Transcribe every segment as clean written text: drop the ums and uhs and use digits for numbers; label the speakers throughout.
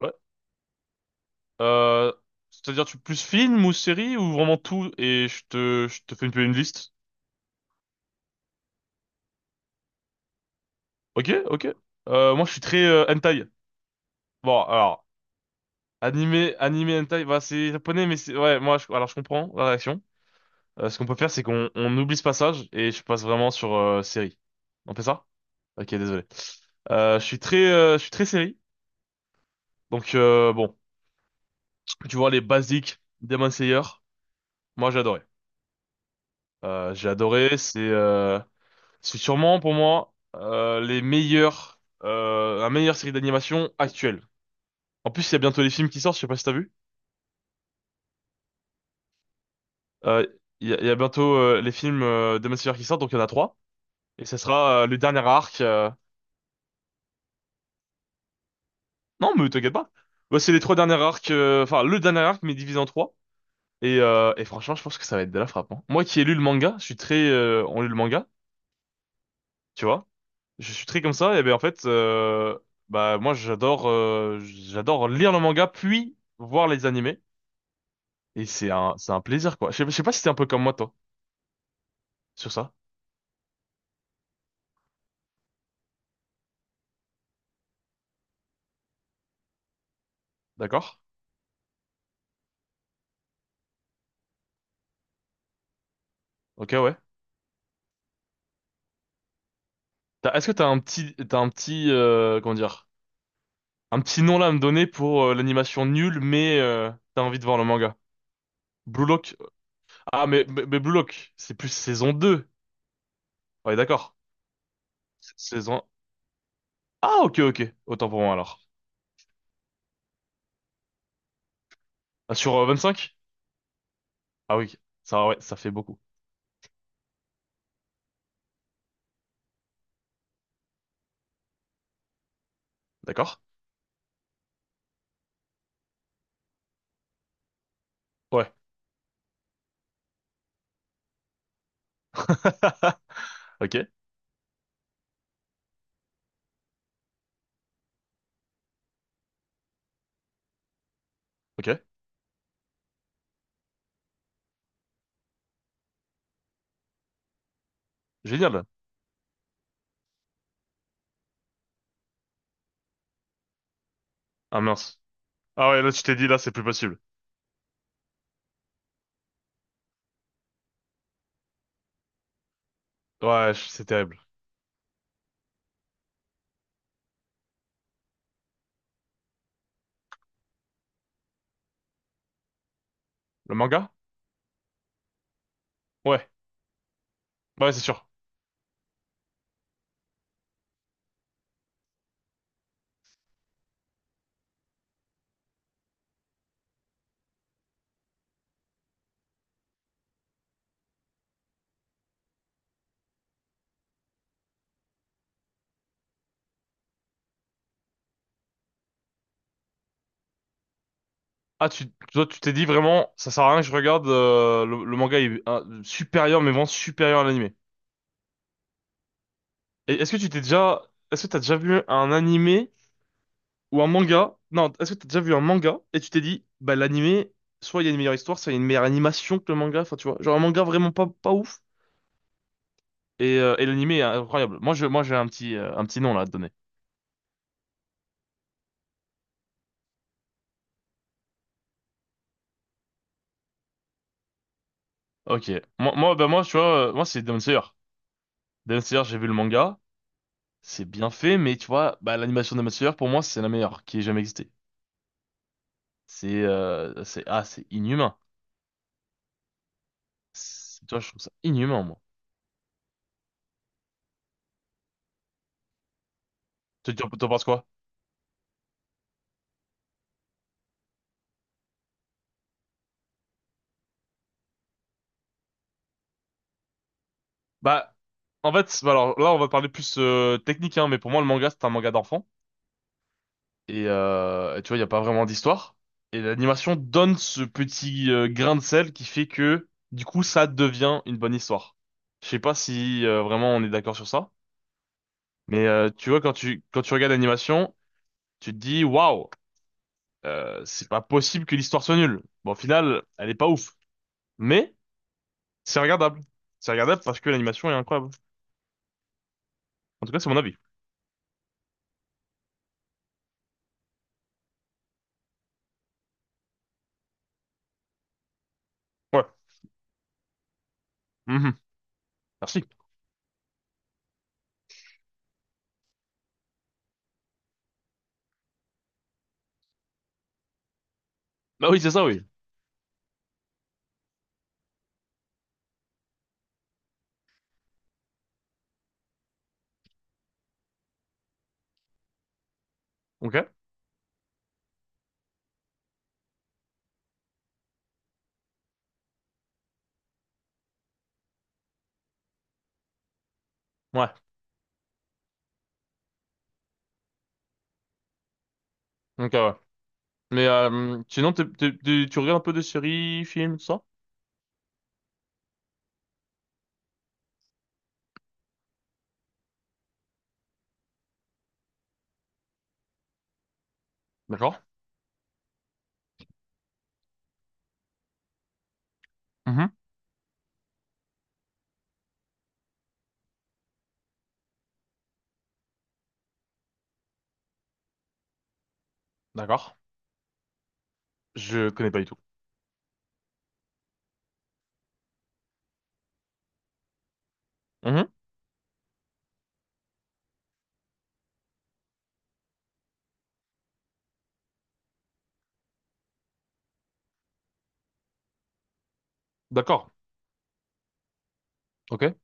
Speaker 1: Ouais. Euh, C'est-à-dire tu plus film ou série ou vraiment tout et je te fais une liste. Ok, ok. Moi je suis très hentai. Bon alors animé animé hentai, bah c'est japonais mais c'est ouais alors je comprends la réaction. Ce qu'on peut faire, c'est qu'on on oublie ce passage et je passe vraiment sur série. On fait ça? Ok, désolé. Je suis très série donc bon, tu vois, les basiques Demon Slayer, moi j'ai adoré. J'ai adoré, c'est c'est sûrement pour moi la meilleure série d'animation actuelle. En plus, il y a bientôt les films qui sortent, je sais pas si t'as vu. Euh, il y a bientôt les films de Massive qui sortent, donc il y en a trois. Et ça sera le dernier arc. Non, mais t'inquiète pas. Ouais, c'est les trois derniers arcs, enfin le dernier arc, mais divisé en trois. Et franchement, je pense que ça va être de la frappe, hein. Moi qui ai lu le manga, on lit le manga, tu vois. Je suis très comme ça, et ben en fait, bah moi j'adore lire le manga puis voir les animés. Et c'est un plaisir, quoi. Je sais pas si t'es un peu comme moi, toi, sur ça. D'accord? Ok, ouais. Est-ce que t'as un petit, comment dire, un petit nom là à me donner pour l'animation nulle, mais t'as envie de voir le manga? Blue Lock. Ah, mais Blue Lock, c'est plus saison deux. Ouais, d'accord. Saison... Ah, ok, ok. Autant pour moi, alors. Ah, sur cinq. Ah oui, ça, ouais, ça fait beaucoup. D'accord? Ouais. Ok, ok. Génial. Ah mince. Ah ouais, là, tu t'es dit, là, c'est plus possible. C'est terrible. Le manga? Ouais. Bah ouais, c'est sûr. Ah, toi, tu t'es dit vraiment, ça sert à rien que je regarde, le manga est supérieur, mais vraiment supérieur à l'animé. Et est-ce que t'as déjà vu un animé ou un manga? Non, est-ce que t'as déjà vu un manga et tu t'es dit, bah, l'animé, soit il y a une meilleure histoire, soit il y a une meilleure animation que le manga, enfin, tu vois. Genre un manga vraiment pas ouf, et l'animé est incroyable. Moi, j'ai un petit nom là à te donner. Ok. Moi, tu vois, moi, c'est Demon Slayer. Demon Slayer, j'ai vu le manga. C'est bien fait, mais tu vois, bah, l'animation de Demon Slayer, pour moi, c'est la meilleure qui ait jamais existé. C'est c'est inhumain. Tu vois, je trouve ça inhumain, moi. T'en penses quoi? Bah en fait, bah alors là on va parler plus technique, hein, mais pour moi le manga c'est un manga d'enfant et tu vois, il y a pas vraiment d'histoire et l'animation donne ce petit grain de sel qui fait que du coup ça devient une bonne histoire. Je sais pas si vraiment on est d'accord sur ça, mais tu vois quand tu regardes l'animation, tu te dis waouh, c'est pas possible que l'histoire soit nulle. Bon, au final, elle est pas ouf. Mais c'est regardable. C'est regardable parce que l'animation est incroyable. En tout cas, c'est mon avis. Ouais. Mhm. Merci. Bah oui, c'est ça, oui. Ok. Ouais. Ok, ouais. Mais sinon, tu regardes un peu de séries, films, tout ça? D'accord. Mhm. D'accord. Je connais pas du tout. Mhm. D'accord. Ok.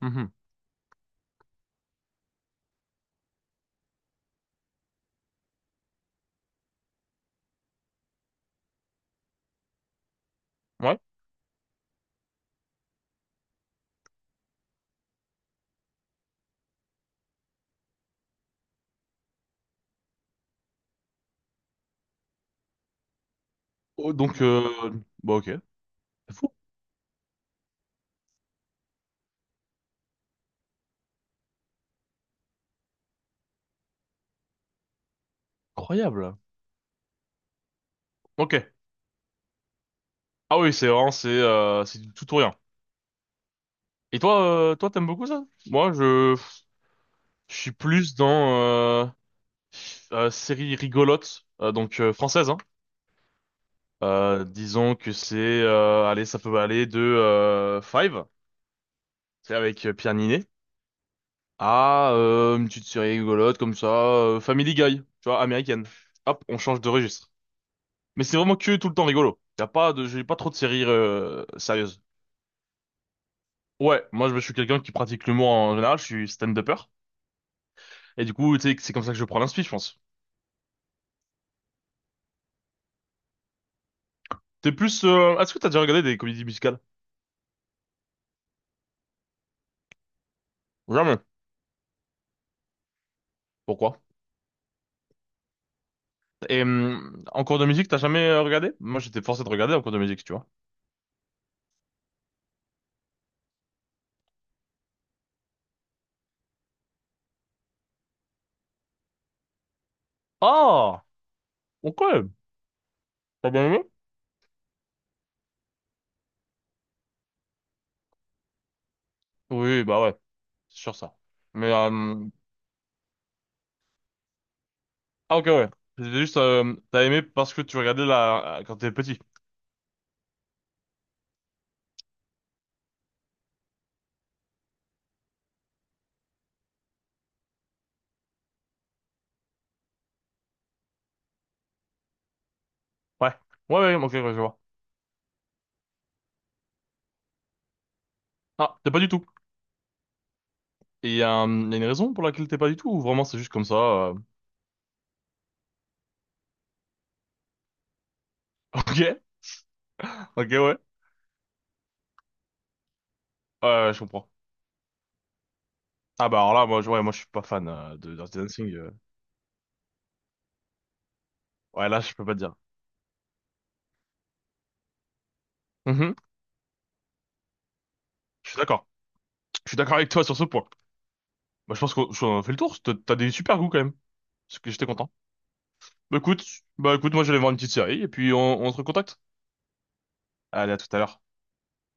Speaker 1: Mhm. Ouais. Oh, bah ok. C'est fou. Incroyable. Ok. Ah oui, c'est vraiment, c'est du tout ou rien. Et toi, toi, t'aimes beaucoup ça? Je suis plus dans euh, série rigolote, donc française, hein. Disons que c'est, allez, ça peut aller de Five, c'est avec Pierre Ninet, à une petite série rigolote comme ça, Family Guy, tu vois, américaine. Hop, on change de registre. Mais c'est vraiment que tout le temps rigolo. Y a pas de, j'ai pas trop de séries sérieuses. Ouais, moi je suis quelqu'un qui pratique l'humour en général, je suis stand-upper, et du coup, tu sais, c'est comme ça que je prends l'inspi, je pense. T'es plus, est-ce que t'as déjà regardé des comédies musicales? Jamais. Pourquoi? Et en cours de musique, t'as jamais regardé? Moi, j'étais forcé de regarder en cours de musique, tu vois. Ah! Ok! T'as bien aimé? Oui, bah ouais, c'est sûr ça. Mais ah ok ouais, c'était juste t'as aimé parce que tu regardais la quand t'étais petit. Ouais, ouais, ouais, ok, ouais, je vois. Ah, t'es pas du tout. Et il y, a un- y a une raison pour laquelle t'es pas du tout ou vraiment c'est juste comme ça. Ok, ok, ouais, ouais, je comprends. Ah bah alors là, ouais, moi je suis pas fan de Dirty Dancing. Ouais, là, je peux pas te dire. Mhm. Je suis d'accord. Je suis d'accord avec toi sur ce point. Bah, je pense qu'on fait le tour. T'as des super goûts quand même. Parce que j'étais content. Bah écoute, bah écoute, moi je vais voir une petite série et puis on se recontacte. Allez, à tout à l'heure.